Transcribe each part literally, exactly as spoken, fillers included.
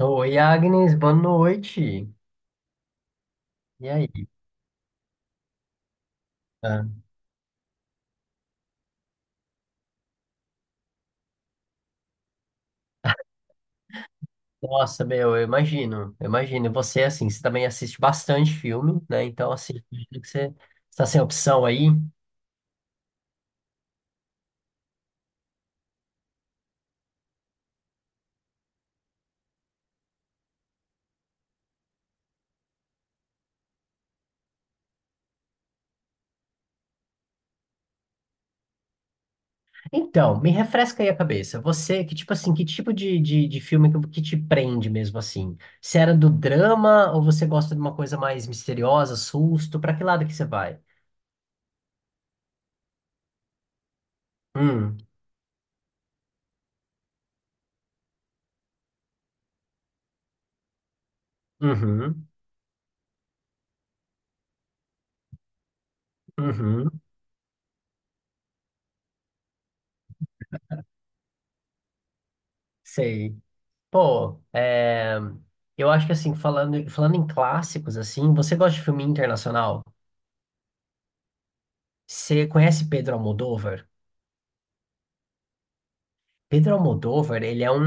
Oi, Agnes, boa noite. E aí? Tá? Nossa, meu, eu imagino, eu imagino. E você, assim, você também assiste bastante filme, né? Então, assim, imagino que você está sem opção aí. Então, me refresca aí a cabeça. Você, que tipo assim, que tipo de, de, de filme que, que te prende mesmo, assim? Se era do drama ou você gosta de uma coisa mais misteriosa, susto? Pra que lado que você vai? Hum, uhum, uhum, sei. Pô, é, eu acho que assim, falando, falando em clássicos, assim, você gosta de filme internacional? Você conhece Pedro Almodóvar? Pedro Almodóvar, ele é um,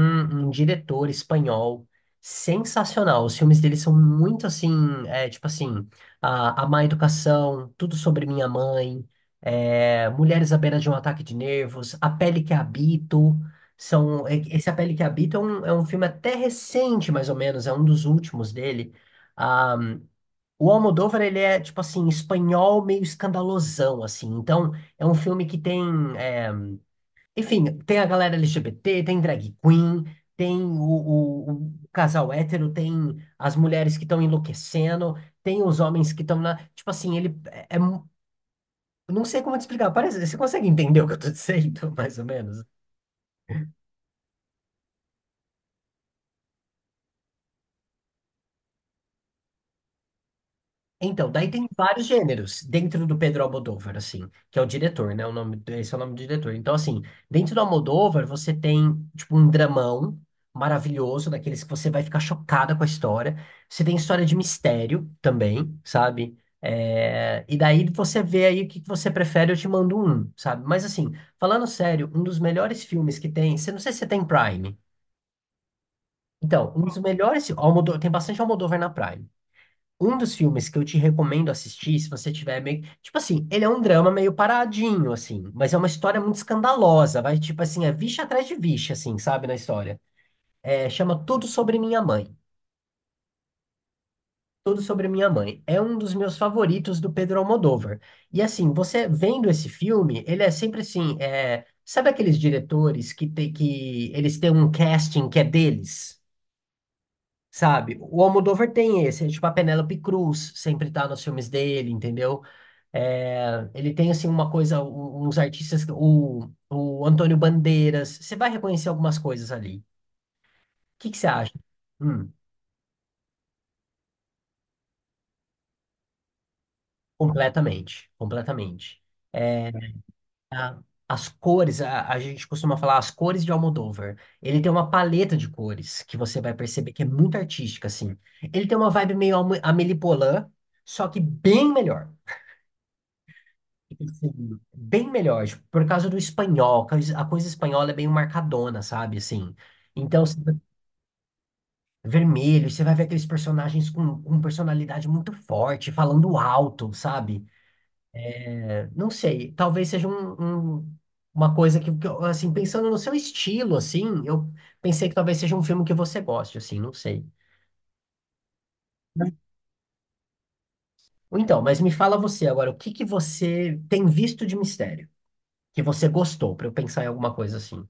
um diretor espanhol sensacional. Os filmes dele são muito assim, é, tipo assim, a, a Má Educação, Tudo Sobre Minha Mãe, é, Mulheres à Beira de um Ataque de Nervos, A Pele que Habito. São, é- esse A Pele que Habito é um, é um filme até recente, mais ou menos, é um dos últimos dele. Ah, O Almodóvar, ele é, tipo assim, espanhol meio escandalosão, assim. Então, é um filme que tem... é, Enfim, tem a galera L G B T, tem drag queen, tem o, o- o casal hétero, tem as mulheres que estão enlouquecendo, tem os homens que estão na... Tipo assim, ele é... é mu- Não sei como te explicar. Parece... Você consegue entender o que eu tô dizendo, mais ou menos? Então, daí tem vários gêneros dentro do Pedro Almodóvar, assim, que é o diretor, né? O nome, do- esse é o nome do diretor. Então, assim, dentro do Almodóvar, você tem, tipo, um dramão maravilhoso, daqueles que você vai ficar chocada com a história. Você tem história de mistério também, sabe? É, e daí você vê aí o que que você prefere, eu te mando um, sabe? Mas, assim, falando sério, um dos melhores filmes que tem, você não sei se você tem Prime. Então, um dos melhores, Almodó, tem bastante Almodóvar na Prime. Um dos filmes que eu te recomendo assistir, se você tiver meio. Tipo assim, ele é um drama meio paradinho, assim, mas é uma história muito escandalosa. Vai, tipo assim, é vixe atrás de vixe, assim, sabe, na história. É, chama Tudo Sobre Minha Mãe. Tudo Sobre Minha Mãe. É um dos meus favoritos do Pedro Almodóvar. E assim, você vendo esse filme, ele é sempre assim. é, Sabe aqueles diretores que, tem, que eles têm um casting que é deles? Sabe? O Almodóvar tem esse, é tipo a Penélope Cruz sempre tá nos filmes dele, entendeu? É, ele tem, assim, uma coisa, u- uns artistas, o, o Antônio Bandeiras. Você vai reconhecer algumas coisas ali. O que que você acha? Hum, completamente, completamente. É, a- as cores, a, a gente costuma falar as cores de Almodóvar. Ele tem uma paleta de cores que você vai perceber que é muito artística, assim. Ele tem uma vibe meio Alme- Amélie Poulain, só que bem melhor. Sim, bem melhor, tipo, por causa do espanhol, a coisa a coisa espanhola é bem marcadona, sabe, assim. Então, você vai- vermelho, você vai ver aqueles personagens com, com personalidade muito forte, falando alto, sabe? Não sei, talvez seja um, um- uma coisa que, que eu, assim, pensando no seu estilo, assim, eu pensei que talvez seja um filme que você goste, assim, não sei. Ou então, mas me fala você agora, o que que você tem visto de mistério? Que você gostou, pra eu pensar em alguma coisa assim.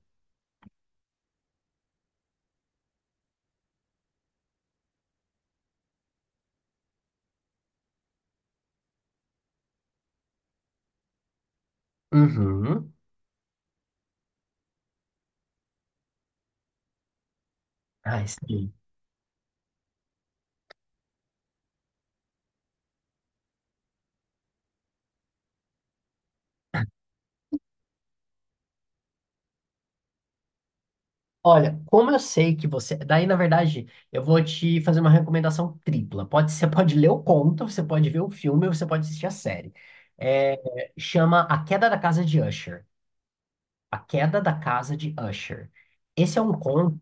Uhum. Ah, sim. Olha, como eu sei que você. Daí, na verdade, eu vou te fazer uma recomendação tripla. Pode, você pode ler o conto, você pode ver o filme, ou você pode assistir a série. É, chama A Queda da Casa de Usher. A Queda da Casa de Usher. Esse é um conto.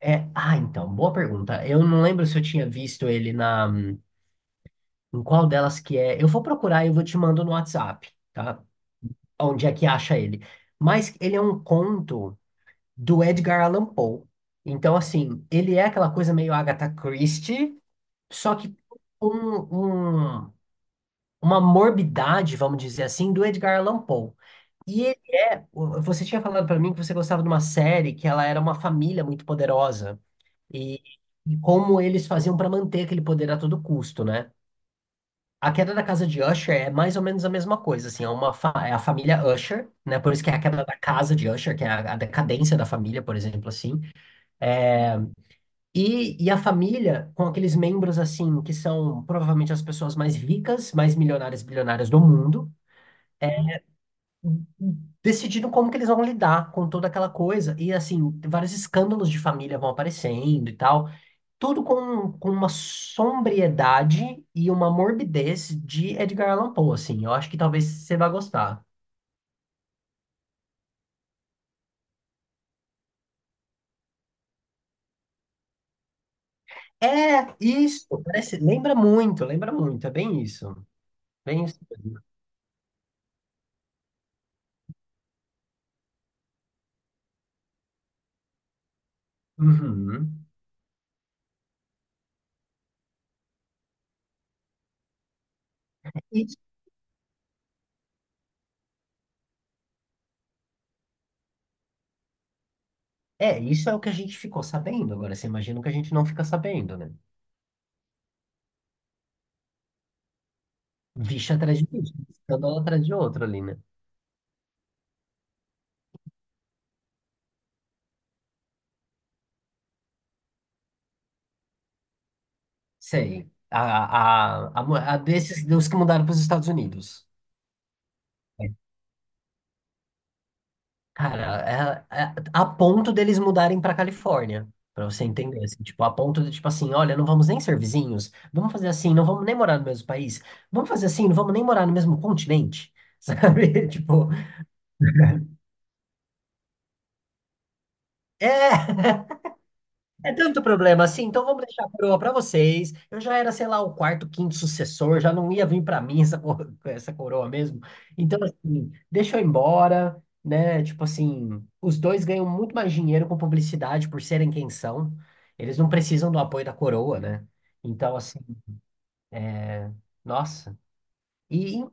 É... Ah, então, boa pergunta. Eu não lembro se eu tinha visto ele na. Em qual delas que é. Eu vou procurar e eu vou te mando no WhatsApp, tá? Onde é que acha ele. Mas ele é um conto do Edgar Allan Poe. Então, assim, ele é aquela coisa meio Agatha Christie, só que com um, uma morbidade, vamos dizer assim, do Edgar Allan Poe. E ele- o- você tinha falado pra mim que você gostava de uma série que ela era uma família muito poderosa e, e como eles faziam pra manter aquele poder a todo custo, né? A queda da casa de Usher é mais ou menos a mesma coisa, assim, é uma fa- é a família Usher, né? Por isso que é a queda da casa de Usher, que é a a decadência da família, por exemplo, assim. E, e a família, com aqueles membros assim, que são provavelmente as pessoas mais ricas, mais milionárias, bilionárias do mundo, decidindo como que eles vão lidar com toda aquela coisa. E assim, vários escândalos de família vão aparecendo e tal. Tudo com, com uma sombriedade e uma morbidez de Edgar Allan Poe, assim. Eu acho que talvez você vá gostar. É, isso, parece, lembra muito, lembra muito, é bem isso. Bem isso mesmo. Uhum. E, é, isso é o que a gente ficou sabendo. Agora, você imagina o que a gente não fica sabendo, né? Bicho atrás de bicho, escândalo atrás de outro ali, né? Sei. A, a, a, mu- a desses, dos que mudaram para os Estados Unidos. É, cara, é, é- a ponto deles mudarem para Califórnia, para você entender, assim, tipo, a ponto de, tipo assim, olha, não vamos nem ser vizinhos, vamos fazer assim, não vamos nem morar no mesmo país, vamos fazer assim, não vamos nem morar no mesmo continente, sabe? Tipo, é! É tanto problema assim, então vamos deixar a coroa para vocês. Eu já era, sei lá, o quarto, quinto sucessor, já não ia vir para mim essa, cor- essa coroa mesmo. Então, assim, deixa eu ir embora, né? Tipo assim, os dois ganham muito mais dinheiro com publicidade por serem quem são. Eles não precisam do apoio da coroa, né? Então, assim, nossa. E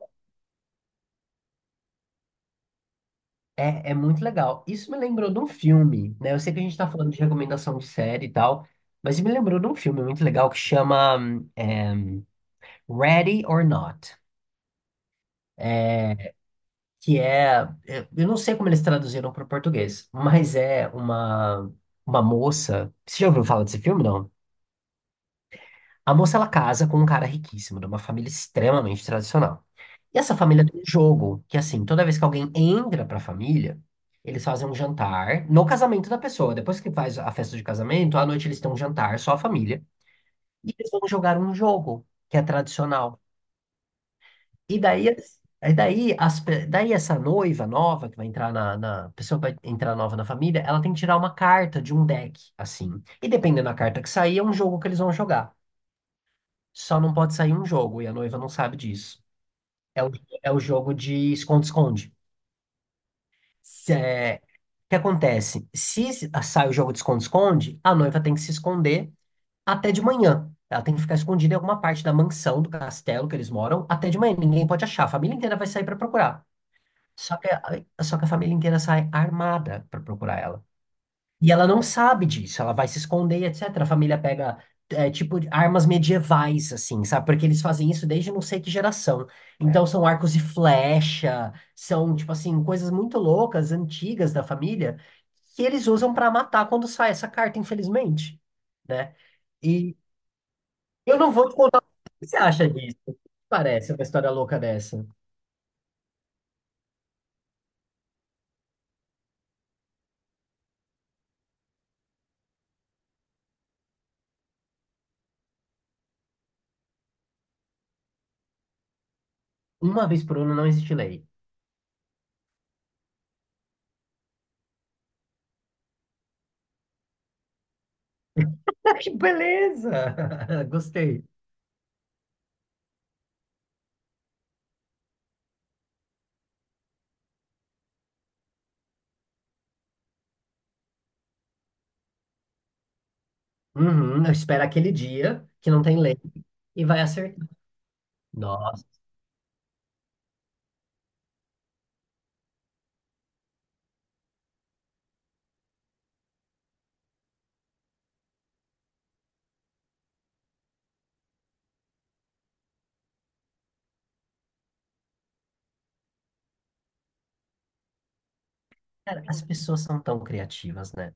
é, é muito legal. Isso me lembrou de um filme, né? Eu sei que a gente tá falando de recomendação de série e tal, mas me lembrou de um filme muito legal que chama hum, Ready or Not. que é, é- eu não sei como eles traduziram para o português, mas é uma uma moça. Você já ouviu falar desse filme, não? A moça ela casa com um cara riquíssimo, de uma família extremamente tradicional. E essa família tem um jogo que assim, toda vez que alguém entra para a família, eles fazem um jantar no casamento da pessoa. Depois que faz a festa de casamento, à noite eles têm um jantar, só a família, e eles vão jogar um jogo que é tradicional. E daí, as- e daí, as, pe- daí essa noiva nova que vai entrar na, na a pessoa que vai entrar nova na família, ela tem que tirar uma carta de um deck, assim. E dependendo da carta que sair, é um jogo que eles vão jogar. Só não pode sair um jogo e a noiva não sabe disso. É o, é o jogo de esconde-esconde. Se- é, O que acontece? Se se- sai o jogo de esconde-esconde, a noiva tem que se esconder até de manhã. Ela tem que ficar escondida em alguma parte da mansão, do castelo que eles moram, até de manhã. Ninguém pode achar. A família inteira vai sair para procurar. Só que, a- só que a família inteira sai armada pra procurar ela. E ela não sabe disso, ela vai se esconder, etcétera. A família pega, é, tipo, armas medievais, assim, sabe? Porque eles fazem isso desde não sei que geração. Então, são arcos e flecha, são, tipo assim, coisas muito loucas, antigas da família, que eles usam pra matar quando sai essa carta, infelizmente, né? E eu não vou te contar o que você acha disso. Parece uma história louca dessa. Uma vez por ano não existe lei. Ah, que beleza! Gostei. Uhum, eu espero aquele dia que não tem lei e vai acertar. Nossa, cara, as pessoas são tão criativas, né?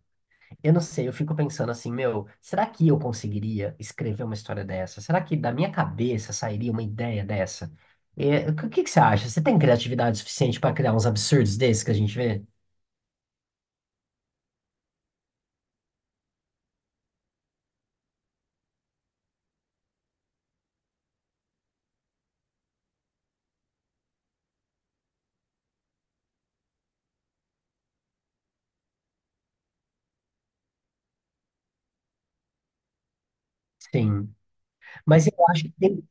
Eu não sei, eu fico pensando assim, meu, será que eu conseguiria escrever uma história dessa? Será que da minha cabeça sairia uma ideia dessa? É, o que, o que que você acha? Você tem criatividade suficiente para criar uns absurdos desses que a gente vê? Sim. Mas eu acho que tem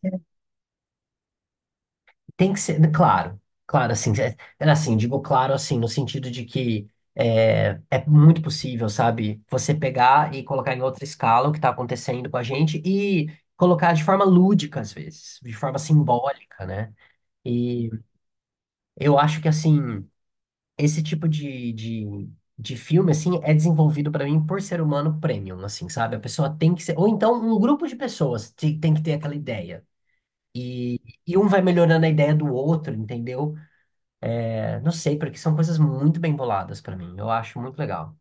Tem que ser, claro, claro, assim, é- é assim, digo claro, assim, no sentido de que é, é muito possível, sabe, você pegar e colocar em outra escala o que está acontecendo com a gente e colocar de forma lúdica, às vezes, de forma simbólica, né? E eu acho que, assim, esse tipo de, de, de filme, assim, é desenvolvido para mim por ser humano premium, assim, sabe? A pessoa tem que ser, ou então um grupo de pessoas te- tem que ter aquela ideia. E, e um vai melhorando a ideia do outro, entendeu? É, não sei, porque são coisas muito bem boladas pra mim. Eu acho muito legal.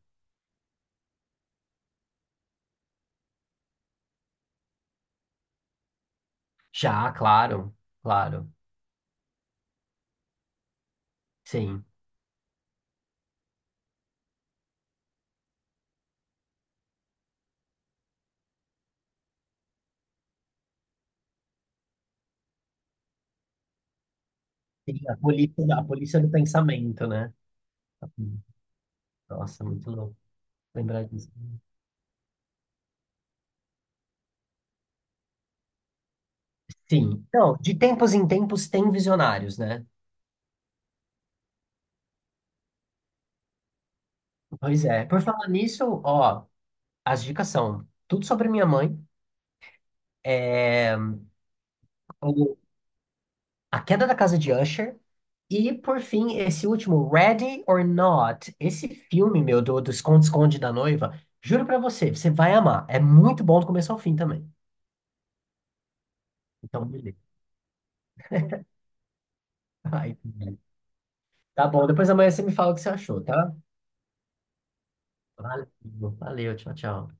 Já, claro, claro. Sim. Sim, a polícia, a polícia do pensamento, né? Nossa, muito louco lembrar disso. Sim. Então, de tempos em tempos tem visionários, né? Pois é. Por falar nisso, ó, as dicas são Tudo Sobre Minha Mãe. É, A Queda da Casa de Usher. E, por fim, esse último, Ready or Not. Esse filme, meu, do, do Esconde-Esconde da Noiva, juro pra você, você vai amar. É muito bom do começo ao fim também. Então, beleza. Ai, tá bom, depois amanhã você me fala o que você achou, tá? Valeu, valeu, tchau, tchau.